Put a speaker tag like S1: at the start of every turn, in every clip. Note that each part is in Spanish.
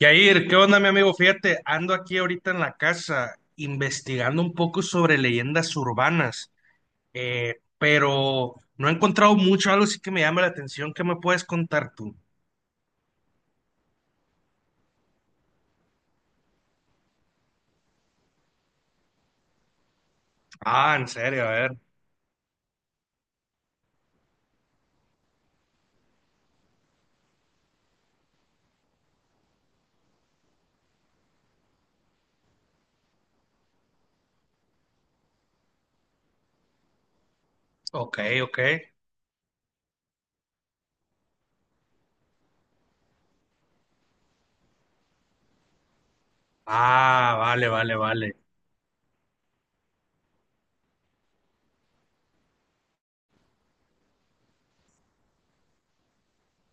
S1: Yair, ¿qué onda, mi amigo? Fíjate, ando aquí ahorita en la casa investigando un poco sobre leyendas urbanas, pero no he encontrado mucho, algo sí que me llama la atención. ¿Qué me puedes contar tú? Ah, ¿en serio? A ver. Ok, ok. Ah, vale, vale, vale.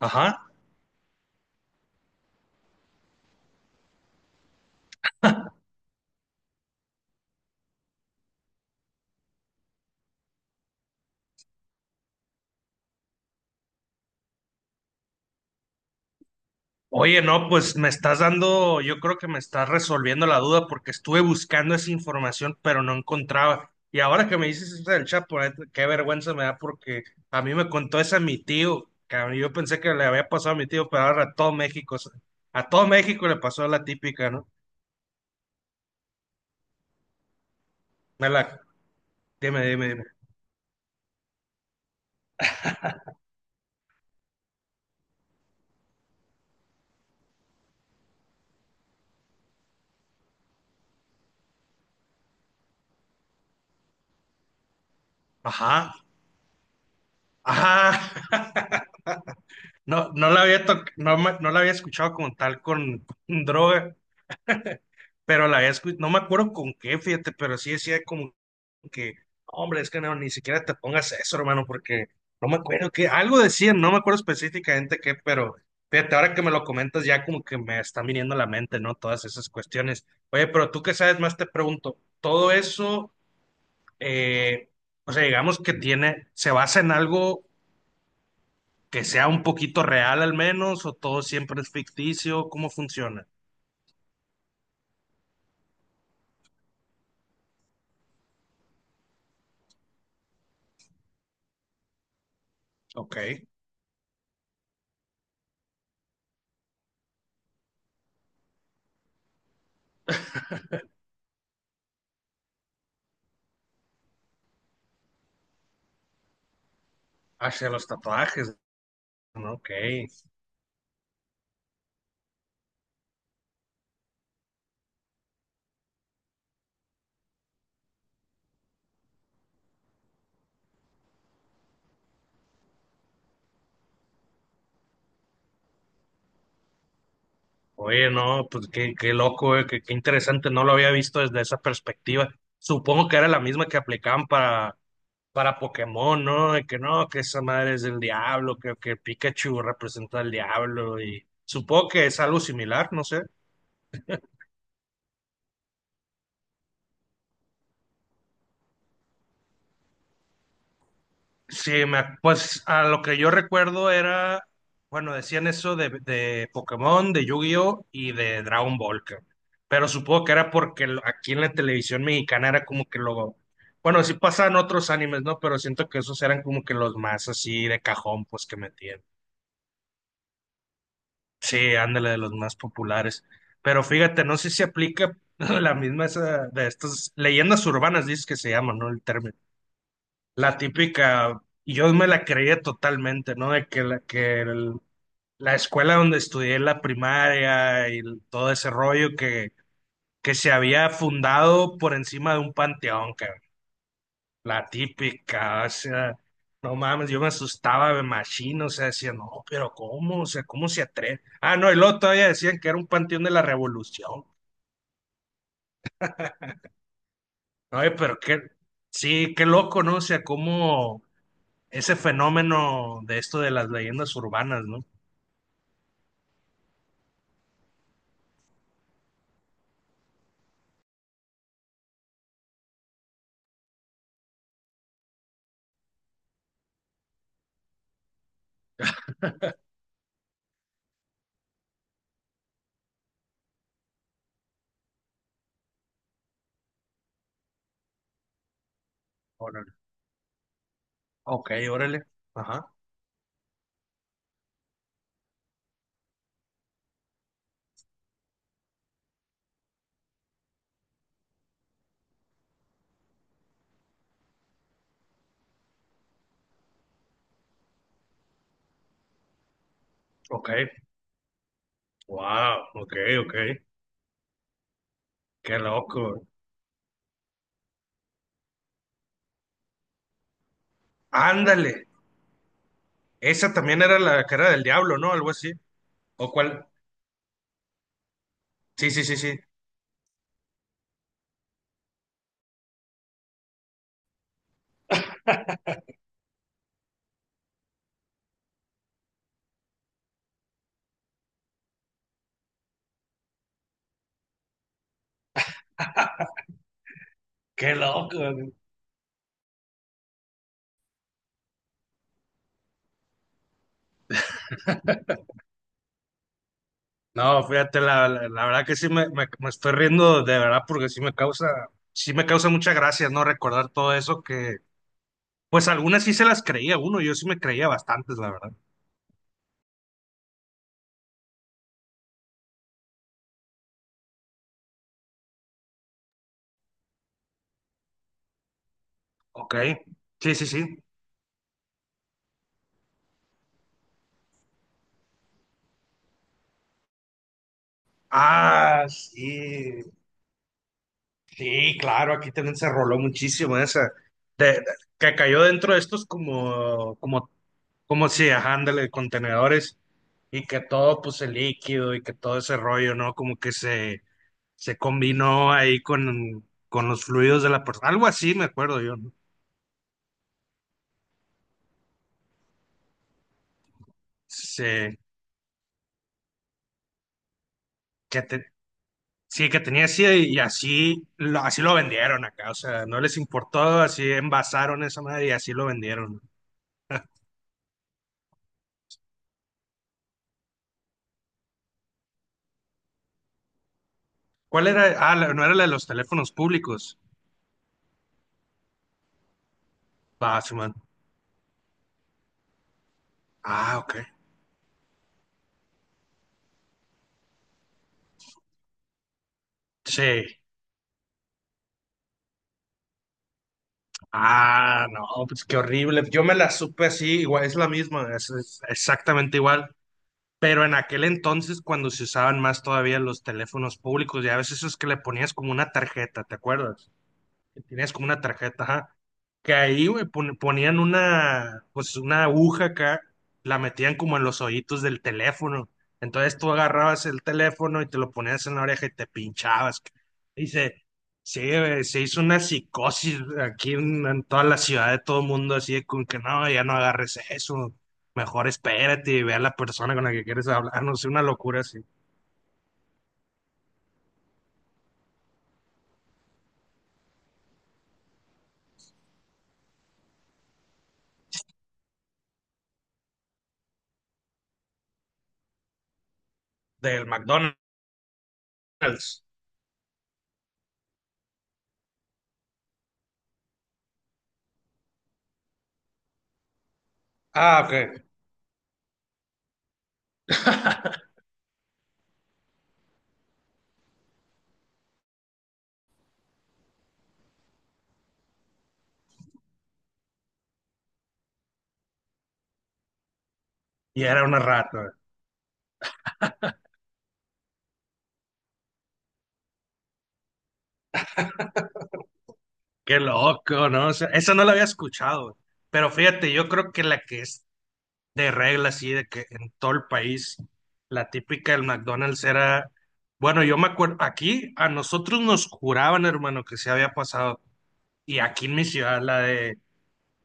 S1: Ajá. Oye, no, pues me estás dando, yo creo que me estás resolviendo la duda porque estuve buscando esa información, pero no encontraba. Y ahora que me dices eso del Chapo, la neta, qué vergüenza me da porque a mí me contó esa mi tío, cabrón, y yo pensé que le había pasado a mi tío, pero ahora a todo México, o sea, a todo México le pasó la típica, ¿no? Me la, dime, dime, dime. Ajá, ajá. No, no la había toc- no, me- no la había escuchado como tal con droga, pero la había escuchado, no me acuerdo con qué, fíjate, pero sí decía como que, "No, hombre, es que no, ni siquiera te pongas eso, hermano, porque no me acuerdo que algo decían, no me acuerdo específicamente qué, pero fíjate, ahora que me lo comentas ya como que me están viniendo a la mente, ¿no? Todas esas cuestiones. Oye, pero tú que sabes más, te pregunto, todo eso, eh, o sea, digamos que tiene, se basa en algo que sea un poquito real al menos, o todo siempre es ficticio, ¿cómo funciona? Ok, hacia los tatuajes, ¿no? Ok. Oye, no, pues qué, qué loco, qué, qué interesante, no lo había visto desde esa perspectiva. Supongo que era la misma que aplicaban para Pokémon, ¿no? De que no, que esa madre es del diablo, que Pikachu representa al diablo y supongo que es algo similar, no sé. Sí, me, pues a lo que yo recuerdo era, bueno, decían eso de Pokémon, de Yu-Gi-Oh y de Dragon Ball, cabrón. Pero supongo que era porque lo- aquí en la televisión mexicana era como que lo, bueno, sí pasaban otros animes, ¿no? Pero siento que esos eran como que los más así de cajón, pues que metían. Sí, ándale, de los más populares. Pero fíjate, no sé si aplica la misma esa de estas leyendas urbanas, dices que se llaman, ¿no? El término. La típica, yo me la creía totalmente, ¿no? De que la, que el- la escuela donde estudié la primaria y el- todo ese rollo que se había fundado por encima de un panteón, cabrón. La típica, o sea, no mames, yo me asustaba de machino, o sea, decía, no, pero ¿cómo? O sea, ¿cómo se atreve? Ah, no, y luego todavía decían que era un panteón de la Revolución. Oye, pero qué, sí, qué loco, ¿no? O sea, cómo ese fenómeno de esto de las leyendas urbanas, ¿no? Ok, órale. Ajá. Ok. Wow. Ok, ok. Qué loco. Ándale. Esa también era la cara del diablo, ¿no? Algo así. ¿O cuál? Sí, sí, sí, sí. Qué loco, güey. No, fíjate, la verdad que sí me estoy riendo de verdad porque sí me causa mucha gracia, ¿no? Recordar todo eso que, pues algunas sí se las creía uno, yo sí me creía bastantes, la verdad. Ok. Sí, sí, sí. Ah, sí. Sí, claro, aquí también se roló muchísimo esa, de- que cayó dentro de estos como, como, como si, ajá, ándale, contenedores, y que todo, pues, el líquido y que todo ese rollo, ¿no? Como que se combinó ahí con los fluidos de la persona, algo así, me acuerdo yo, ¿no? Se- que te- sí, que tenía así, y así lo vendieron acá, o sea, no les importó, así envasaron esa madre y así lo vendieron, ¿no? ¿Cuál era? Ah, la- no era la de los teléfonos públicos. Batman. Ah, ok. Sí. Ah, no, pues qué horrible. Yo me la supe así, igual, es la misma, es exactamente igual. Pero en aquel entonces, cuando se usaban más todavía los teléfonos públicos, ya a veces es que le ponías como una tarjeta, ¿te acuerdas? Que tenías como una tarjeta, ajá, que ahí, güey, pon- ponían una, pues una aguja acá, la metían como en los hoyitos del teléfono. Entonces tú agarrabas el teléfono y te lo ponías en la oreja y te pinchabas. Dice, sí, güey, se hizo una psicosis aquí en toda la ciudad de todo el mundo, así de con que no, ya no agarres eso. Mejor espérate y ve a la persona con la que quieres hablar, no sé, una locura así. Del McDonald's. Ah, ok. Y era una rata. Qué loco, ¿no? O sea, esa no lo había escuchado, pero fíjate, yo creo que la que es de regla, así, de que en todo el país, la típica del McDonald's era, bueno, yo me acuerdo, aquí a nosotros nos juraban, hermano, que se había pasado, y aquí en mi ciudad, la de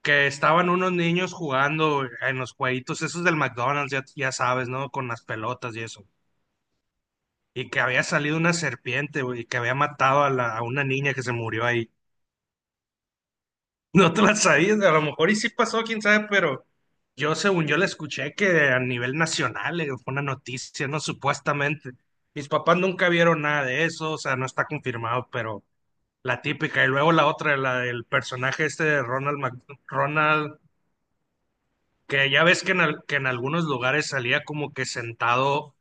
S1: que estaban unos niños jugando en los jueguitos esos del McDonald's, ya, ya sabes, ¿no? Con las pelotas y eso, y que había salido una serpiente, güey, y que había matado a, la, a una niña que se murió ahí. No te la sabías, a lo mejor y sí pasó, quién sabe, pero yo según yo la escuché que a nivel nacional, fue una noticia, ¿no? Supuestamente. Mis papás nunca vieron nada de eso, o sea, no está confirmado, pero la típica. Y luego la otra, la del personaje este de Ronald, Mac- Ronald, que ya ves que en, al- que en algunos lugares salía como que sentado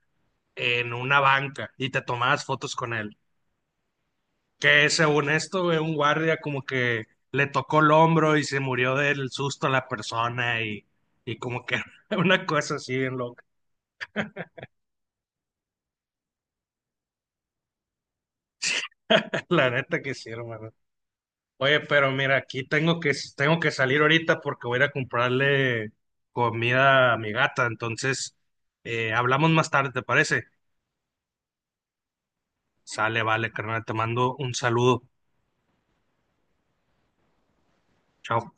S1: en una banca y te tomabas fotos con él. Que según esto, güey, un guardia como que le tocó el hombro y se murió del susto a la persona y como que una cosa así bien loca. La neta que sí, hermano. Oye, pero mira, aquí tengo que salir ahorita porque voy a ir a comprarle comida a mi gata. Entonces, hablamos más tarde, ¿te parece? Sale, vale, carnal, te mando un saludo. Chao.